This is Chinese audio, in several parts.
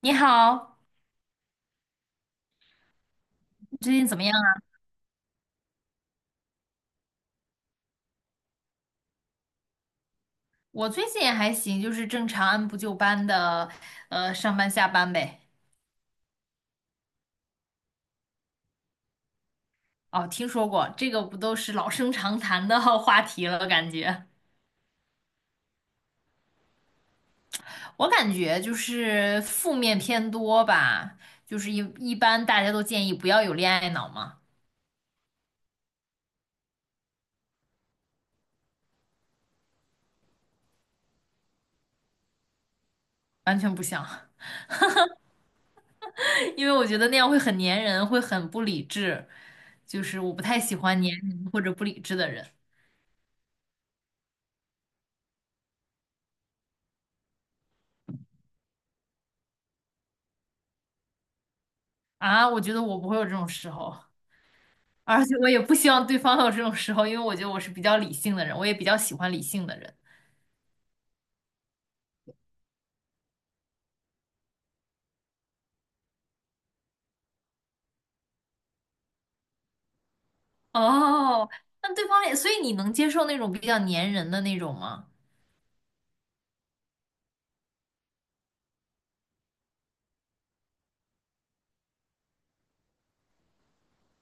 你好，你最近怎么样啊？我最近也还行，就是正常按部就班的，上班下班呗。哦，听说过，这个不都是老生常谈的 话题了？我感觉就是负面偏多吧，就是一般大家都建议不要有恋爱脑嘛。完全不想，因为我觉得那样会很粘人，会很不理智，就是我不太喜欢粘人或者不理智的人。啊，我觉得我不会有这种时候。而且我也不希望对方有这种时候，因为我觉得我是比较理性的人，我也比较喜欢理性的人。哦，那对方也，所以你能接受那种比较粘人的那种吗？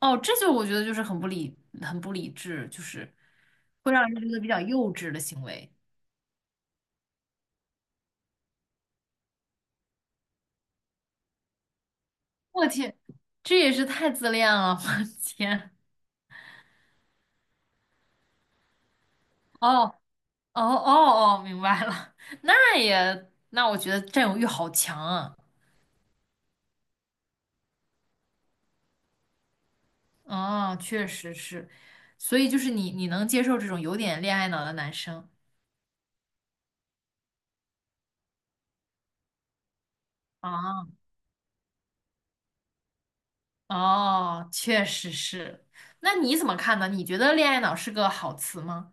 哦，这就我觉得就是很不理智，就是会让人觉得比较幼稚的行为。我天，这也是太自恋了，我天！哦哦哦哦，明白了。那我觉得占有欲好强啊。哦，确实是，所以就是你能接受这种有点恋爱脑的男生啊？哦，确实是。那你怎么看呢？你觉得恋爱脑是个好词吗？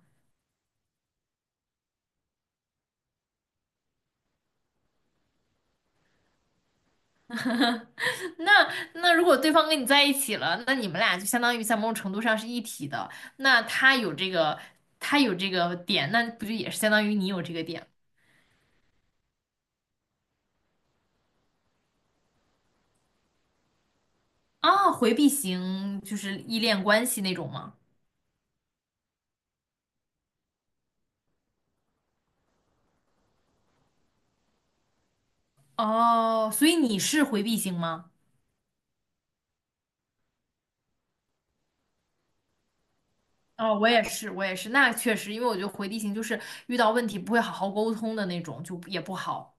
那如果对方跟你在一起了，那你们俩就相当于在某种程度上是一体的。那他有这个，他有这个点，那不就也是相当于你有这个点啊？回避型就是依恋关系那种吗？哦，所以你是回避型吗？哦，我也是，我也是，那确实，因为我觉得回地形就是遇到问题不会好好沟通的那种，就也不好。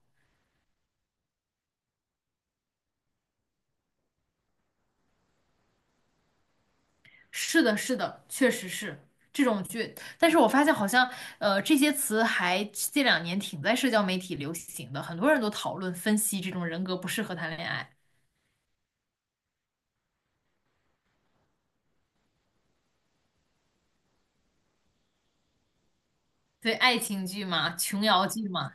是的，是的，确实是这种剧。但是我发现好像，这些词还这两年挺在社交媒体流行的，很多人都讨论分析这种人格不适合谈恋爱。对，爱情剧嘛，琼瑶剧嘛。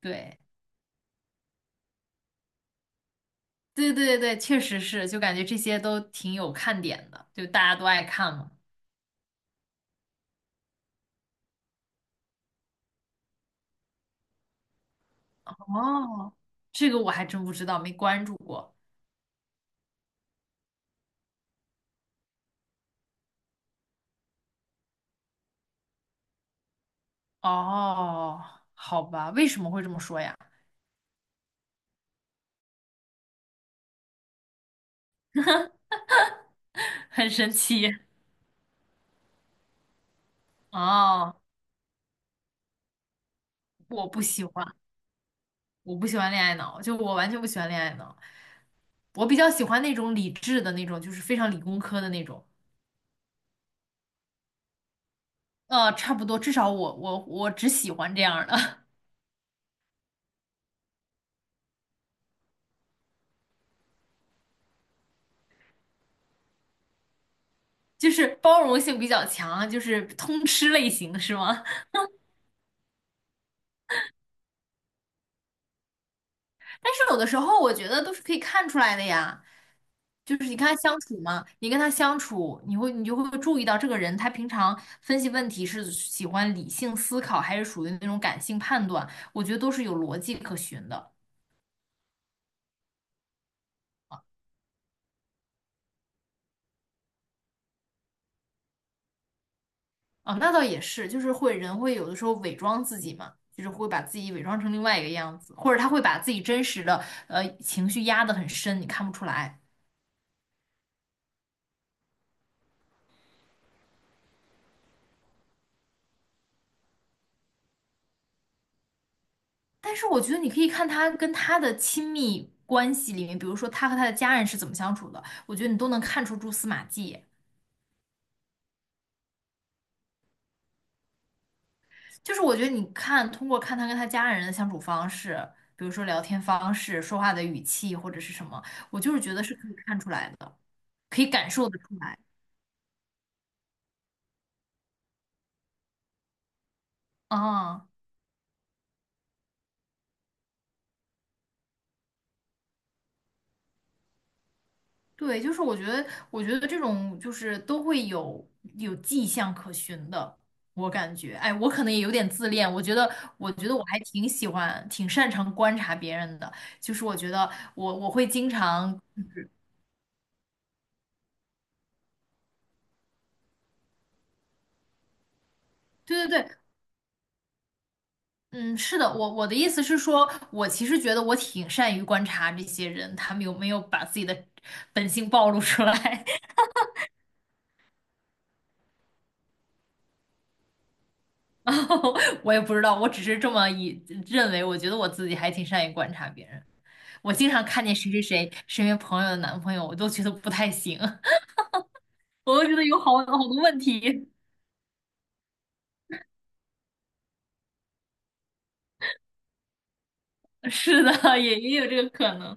对，对对对，确实是，就感觉这些都挺有看点的，就大家都爱看嘛。哦，这个我还真不知道，没关注过。哦，好吧，为什么会这么说呀？很神奇。哦，我不喜欢，恋爱脑，就我完全不喜欢恋爱脑。我比较喜欢那种理智的那种，就是非常理工科的那种。差不多，至少我只喜欢这样儿的。就是包容性比较强，就是通吃类型，是吗？但是有的时候我觉得都是可以看出来的呀，就是你跟他相处，你就会注意到这个人他平常分析问题是喜欢理性思考，还是属于那种感性判断，我觉得都是有逻辑可循的。啊，那倒也是，就是人会有的时候伪装自己嘛，就是会把自己伪装成另外一个样子，或者他会把自己真实的情绪压得很深，你看不出来。但是我觉得你可以看他跟他的亲密关系里面，比如说他和他的家人是怎么相处的，我觉得你都能看出蛛丝马迹。就是我觉得你看，通过看他跟他家人的相处方式，比如说聊天方式、说话的语气或者是什么，我就是觉得是可以看出来的，可以感受得出来。啊。对，就是我觉得，这种就是都会有迹象可循的。我感觉，哎，我可能也有点自恋。我觉得我还挺喜欢，挺擅长观察别人的，就是我觉得我会经常。对对对。嗯，是的，我的意思是说，我其实觉得我挺善于观察这些人，他们有没有把自己的本性暴露出来。我也不知道，我只是这么以认为，我觉得我自己还挺善于观察别人。我经常看见谁谁谁身边朋友的男朋友，我都觉得不太行。我都觉得有好多问题。是的，也有这个可能，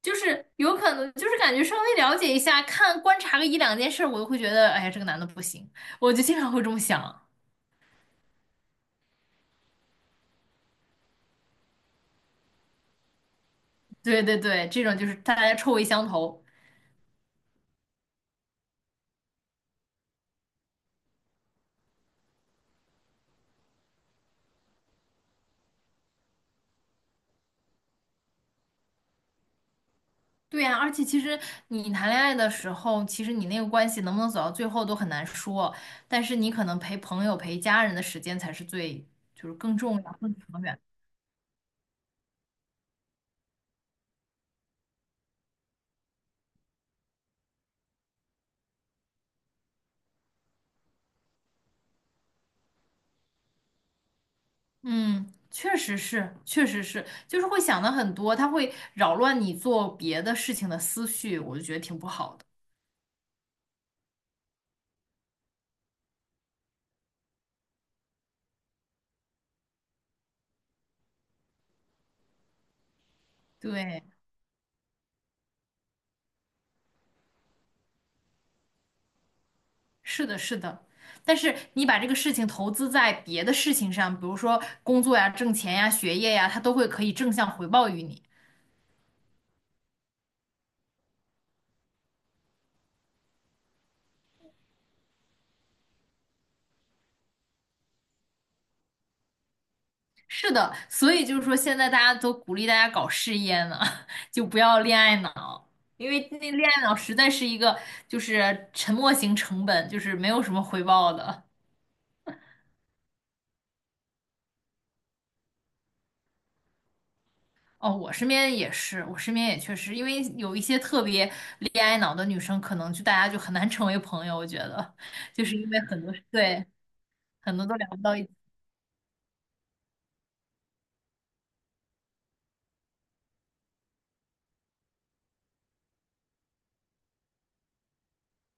就是有可能，就是感觉稍微了解一下，观察个一两件事，我就会觉得，哎呀，这个男的不行，我就经常会这么想。对对对，这种就是大家臭味相投。对呀，而且其实你谈恋爱的时候，其实你那个关系能不能走到最后都很难说，但是你可能陪朋友、陪家人的时间才是最，就是更重要、更长远。嗯，确实是，确实是，就是会想的很多，他会扰乱你做别的事情的思绪，我就觉得挺不好的。对，是的，是的。但是你把这个事情投资在别的事情上，比如说工作呀、挣钱呀、学业呀，它都会可以正向回报于你。是的，所以就是说，现在大家都鼓励大家搞事业呢。就不要恋爱脑，因为那恋爱脑实在是一个就是沉没型成本，就是没有什么回报的。哦，我身边也是，我身边也确实，因为有一些特别恋爱脑的女生，可能就大家就很难 成为朋友。我觉得，就是因为很多都聊不到一起。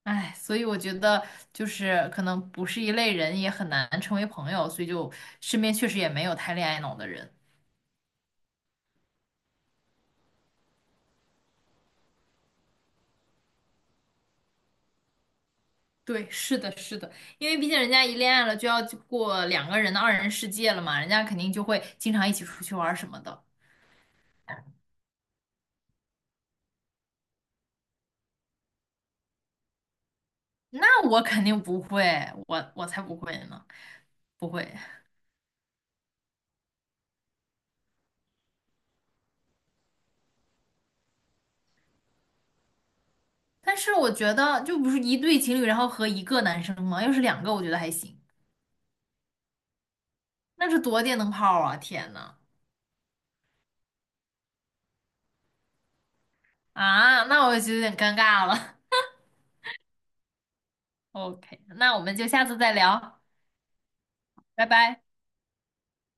哎，所以我觉得就是可能不是一类人，也很难成为朋友，所以就身边确实也没有太恋爱脑的人。对，是的，是的，因为毕竟人家一恋爱了，就要过两个人的二人世界了嘛，人家肯定就会经常一起出去玩儿什么的。那我肯定不会，我才不会呢，不会。但是我觉得就不是一对情侣，然后和一个男生吗？要是两个，我觉得还行。那是多电灯泡啊！天呐，啊，那我就有点尴尬了。OK，那我们就下次再聊，拜拜。